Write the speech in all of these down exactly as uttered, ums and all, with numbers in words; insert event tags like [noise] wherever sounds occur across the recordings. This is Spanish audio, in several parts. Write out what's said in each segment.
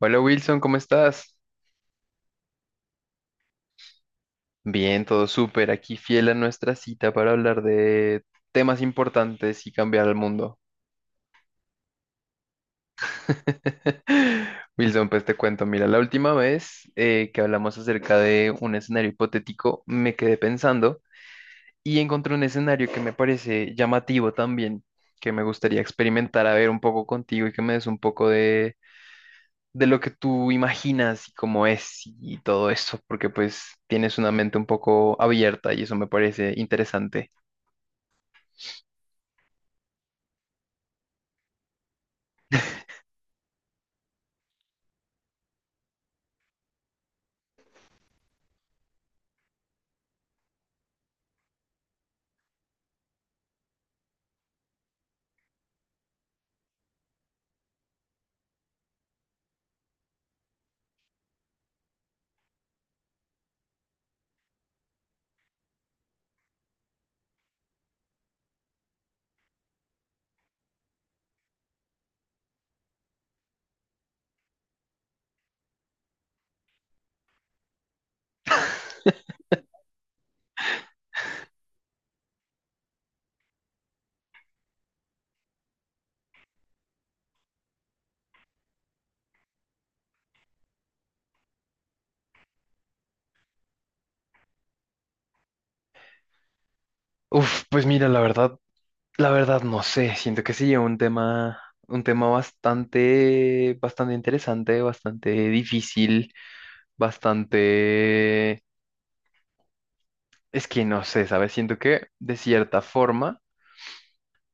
Hola Wilson, ¿cómo estás? Bien, todo súper. Aquí fiel a nuestra cita para hablar de temas importantes y cambiar el mundo. [laughs] Wilson, pues te cuento, mira, la última vez eh, que hablamos acerca de un escenario hipotético, me quedé pensando y encontré un escenario que me parece llamativo también, que me gustaría experimentar a ver un poco contigo y que me des un poco de lo que tú imaginas y cómo es y todo eso, porque pues tienes una mente un poco abierta y eso me parece interesante. Uf, pues mira, la verdad, la verdad no sé, siento que sería un tema, un tema bastante, bastante interesante, bastante difícil, bastante. Es que no sé, ¿sabes? Siento que de cierta forma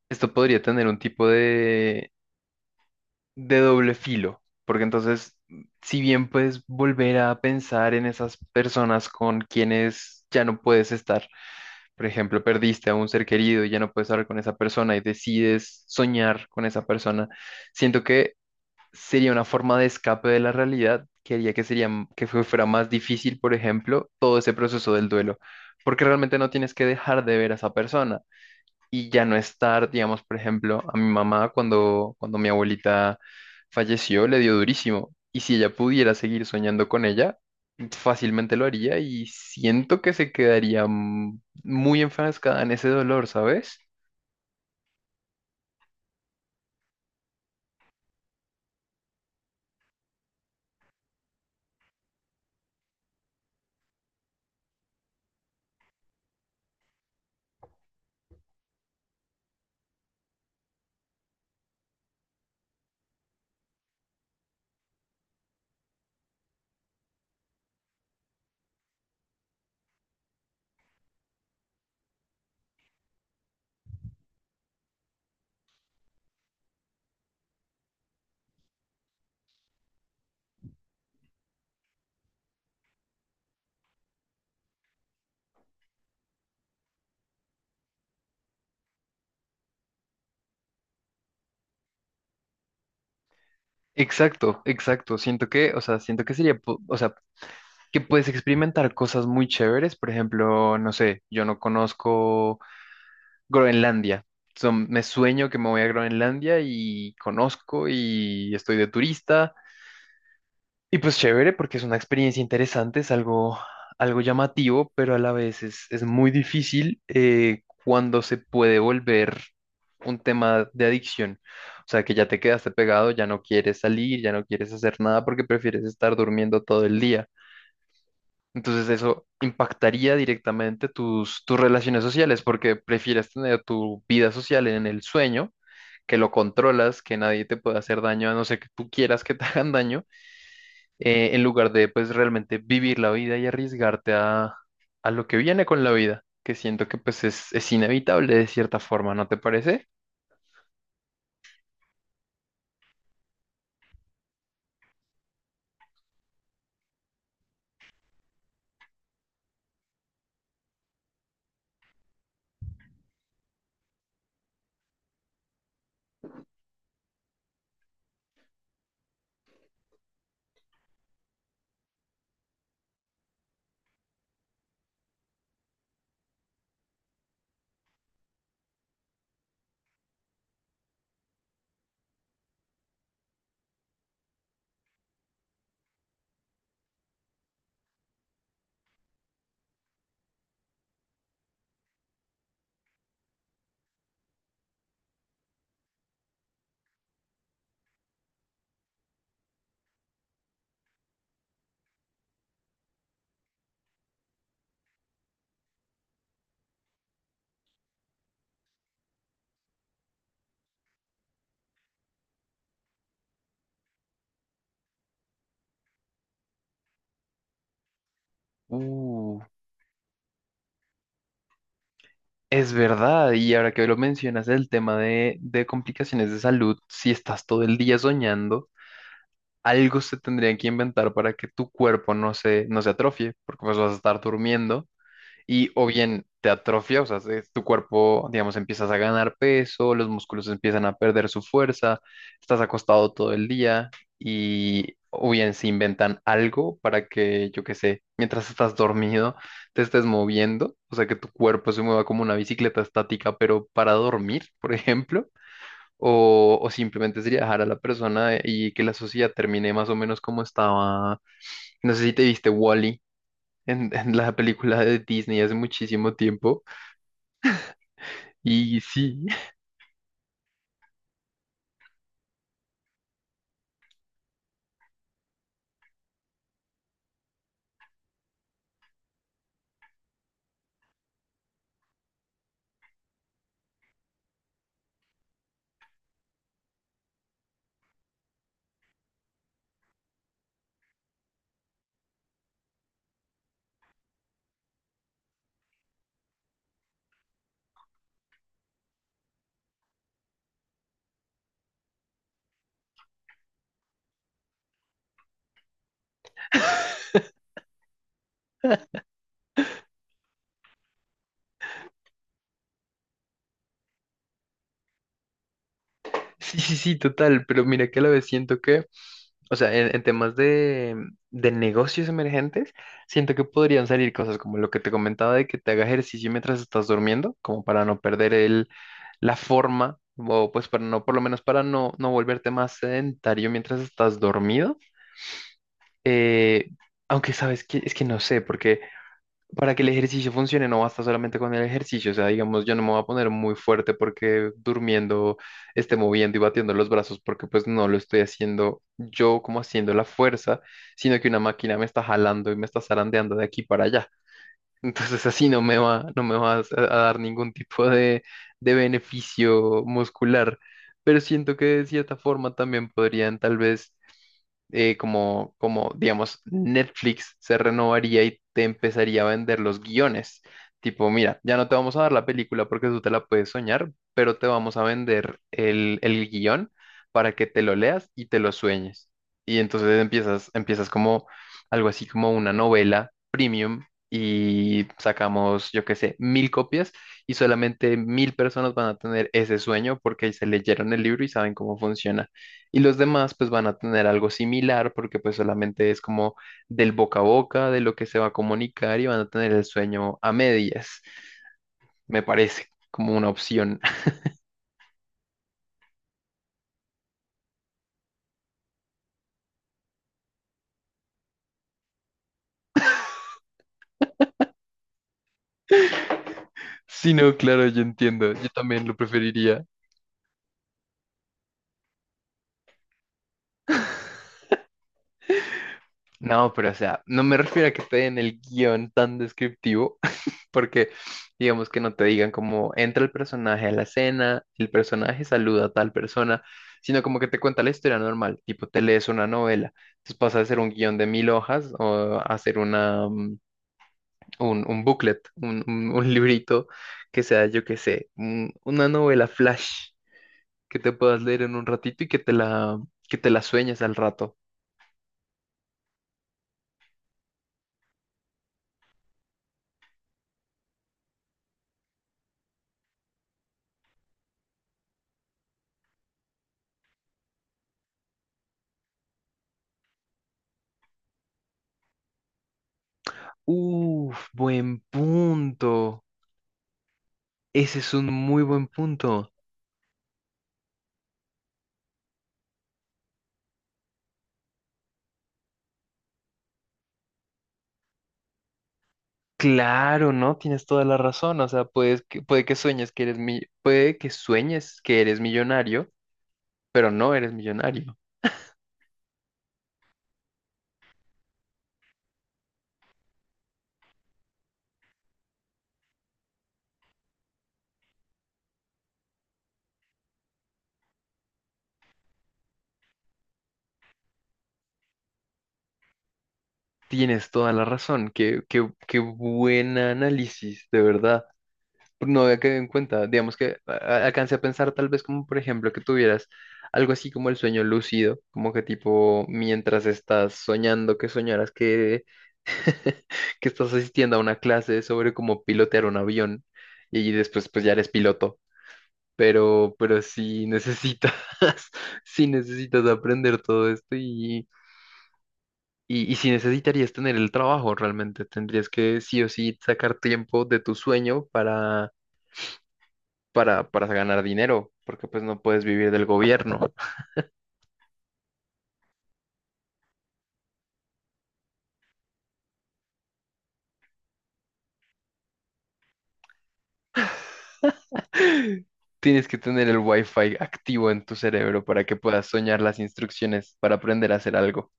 esto podría tener un tipo de doble filo, porque entonces, si bien puedes volver a pensar en esas personas con quienes ya no puedes estar, por ejemplo, perdiste a un ser querido y ya no puedes hablar con esa persona y decides soñar con esa persona, siento que sería una forma de escape de la realidad que haría que sería, m- que fue- fuera más difícil, por ejemplo, todo ese proceso del duelo, porque realmente no tienes que dejar de ver a esa persona y ya no estar, digamos, por ejemplo, a mi mamá cuando, cuando mi abuelita falleció, le dio durísimo. Y si ella pudiera seguir soñando con ella, fácilmente lo haría y siento que se quedaría mm, muy enfrascada en ese dolor, ¿sabes? Exacto, exacto. Siento que, o sea, siento que sería, po- o sea, que puedes experimentar cosas muy chéveres. Por ejemplo, no sé, yo no conozco Groenlandia. So, me sueño que me voy a Groenlandia y conozco y estoy de turista. Y pues chévere, porque es una experiencia interesante, es algo, algo llamativo, pero a la vez es, es muy difícil eh, cuando se puede volver un tema de adicción. O sea, que ya te quedaste pegado, ya no quieres salir, ya no quieres hacer nada porque prefieres estar durmiendo todo el día. Entonces eso impactaría directamente tus, tus relaciones sociales porque prefieres tener tu vida social en el sueño, que lo controlas, que nadie te puede hacer daño, a no ser que tú quieras que te hagan daño, eh, en lugar de pues realmente vivir la vida y arriesgarte a, a lo que viene con la vida, que siento que pues es, es inevitable de cierta forma, ¿no te parece? Uh, es verdad, y ahora que lo mencionas, el tema de, de complicaciones de salud, si estás todo el día soñando, algo se tendría que inventar para que tu cuerpo no se, no se atrofie, porque pues vas a estar durmiendo y o bien te atrofia, o sea, se- tu cuerpo, digamos, empiezas a ganar peso, los músculos empiezan a perder su fuerza, estás acostado todo el día y o bien se inventan algo para que, yo qué sé, mientras estás dormido, te estés moviendo, o sea, que tu cuerpo se mueva como una bicicleta estática, pero para dormir, por ejemplo. O, o simplemente sería dejar a la persona y que la sociedad termine más o menos como estaba. No sé si te viste wall en, en la película de Disney hace muchísimo tiempo. Y sí, [laughs] sí, sí, sí, total, pero mira que a la vez siento que, o sea, en, en temas de, de negocios emergentes, siento que podrían salir cosas como lo que te comentaba de que te haga ejercicio mientras estás durmiendo, como para no perder el, la forma, o pues para no, por lo menos para no, no volverte más sedentario mientras estás dormido. Eh, Aunque sabes que es que no sé, porque para que el ejercicio funcione, no basta solamente con el ejercicio. O sea, digamos, yo no me voy a poner muy fuerte porque durmiendo esté moviendo y batiendo los brazos porque pues no lo estoy haciendo yo como haciendo la fuerza, sino que una máquina me está jalando y me está zarandeando de aquí para allá. Entonces así no me va, no me vas a, a dar ningún tipo de, de beneficio muscular. Pero siento que de cierta forma también podrían tal vez, eh, como, como digamos, Netflix se renovaría y te empezaría a vender los guiones. Tipo, mira, ya no te vamos a dar la película porque tú te la puedes soñar, pero te vamos a vender el, el guión para que te lo leas y te lo sueñes. Y entonces empiezas, empiezas como algo así como una novela premium y sacamos, yo qué sé, mil copias y solamente mil personas van a tener ese sueño porque se leyeron el libro y saben cómo funciona. Y los demás pues van a tener algo similar porque pues solamente es como del boca a boca de lo que se va a comunicar y van a tener el sueño a medias, me parece como una opción. [laughs] Sí, no, claro, yo entiendo, yo también lo preferiría. No, pero o sea, no me refiero a que te den el guión tan descriptivo, porque digamos que no te digan como entra el personaje a la escena, el personaje saluda a tal persona, sino como que te cuenta la historia normal, tipo te lees una novela. Entonces pasa de ser un guión de mil hojas o a ser una, mm, un, un booklet, un, un- un [laughs] librito que sea, yo qué sé, un- una novela flash que te puedas leer en un ratito y que te la, que te la sueñes al rato. Uf, buen punto. Ese es un muy buen punto. Claro, ¿no? Tienes toda la razón. O sea, puedes que, puede que sueñes que eres mi, puede que sueñes que eres millonario, pero no eres millonario. Tienes toda la razón. Qué, qué, qué buen análisis, de verdad. No había quedado en cuenta. Digamos que a- a- alcancé a pensar tal vez como, por ejemplo, que tuvieras algo así como el sueño lúcido, como que tipo, mientras estás soñando, que soñaras que, [laughs] que estás asistiendo a una clase sobre cómo pilotear un avión y después pues ya eres piloto. pero, pero sí necesitas, [laughs] sí necesitas aprender todo esto y, y, y sí necesitarías tener el trabajo realmente, tendrías que sí o sí sacar tiempo de tu sueño para, para, para ganar dinero, porque pues no puedes vivir del gobierno. [laughs] Tienes que tener el wifi activo en tu cerebro para que puedas soñar las instrucciones para aprender a hacer algo.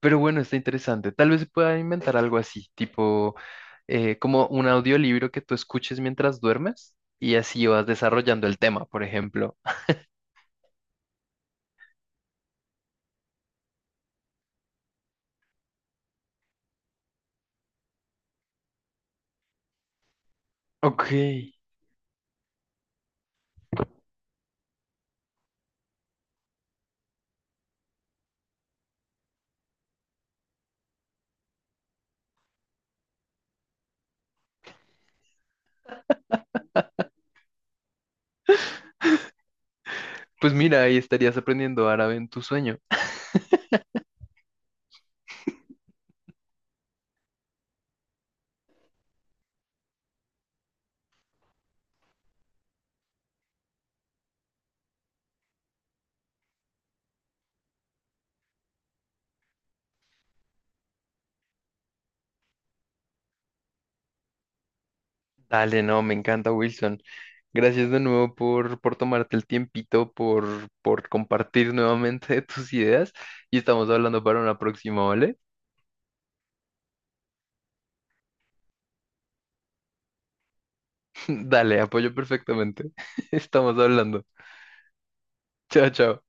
Pero bueno, está interesante. Tal vez se pueda inventar algo así, tipo eh, como un audiolibro que tú escuches mientras duermes y así vas desarrollando el tema, por ejemplo. Ok, pues mira, ahí estarías aprendiendo árabe en tu sueño. Dale, no, me encanta, Wilson. Gracias de nuevo por, por tomarte el tiempito, por, por compartir nuevamente [laughs] tus ideas y estamos hablando para una próxima, ¿vale? [laughs] Dale, apoyo perfectamente. [laughs] Estamos hablando. Chao, chao.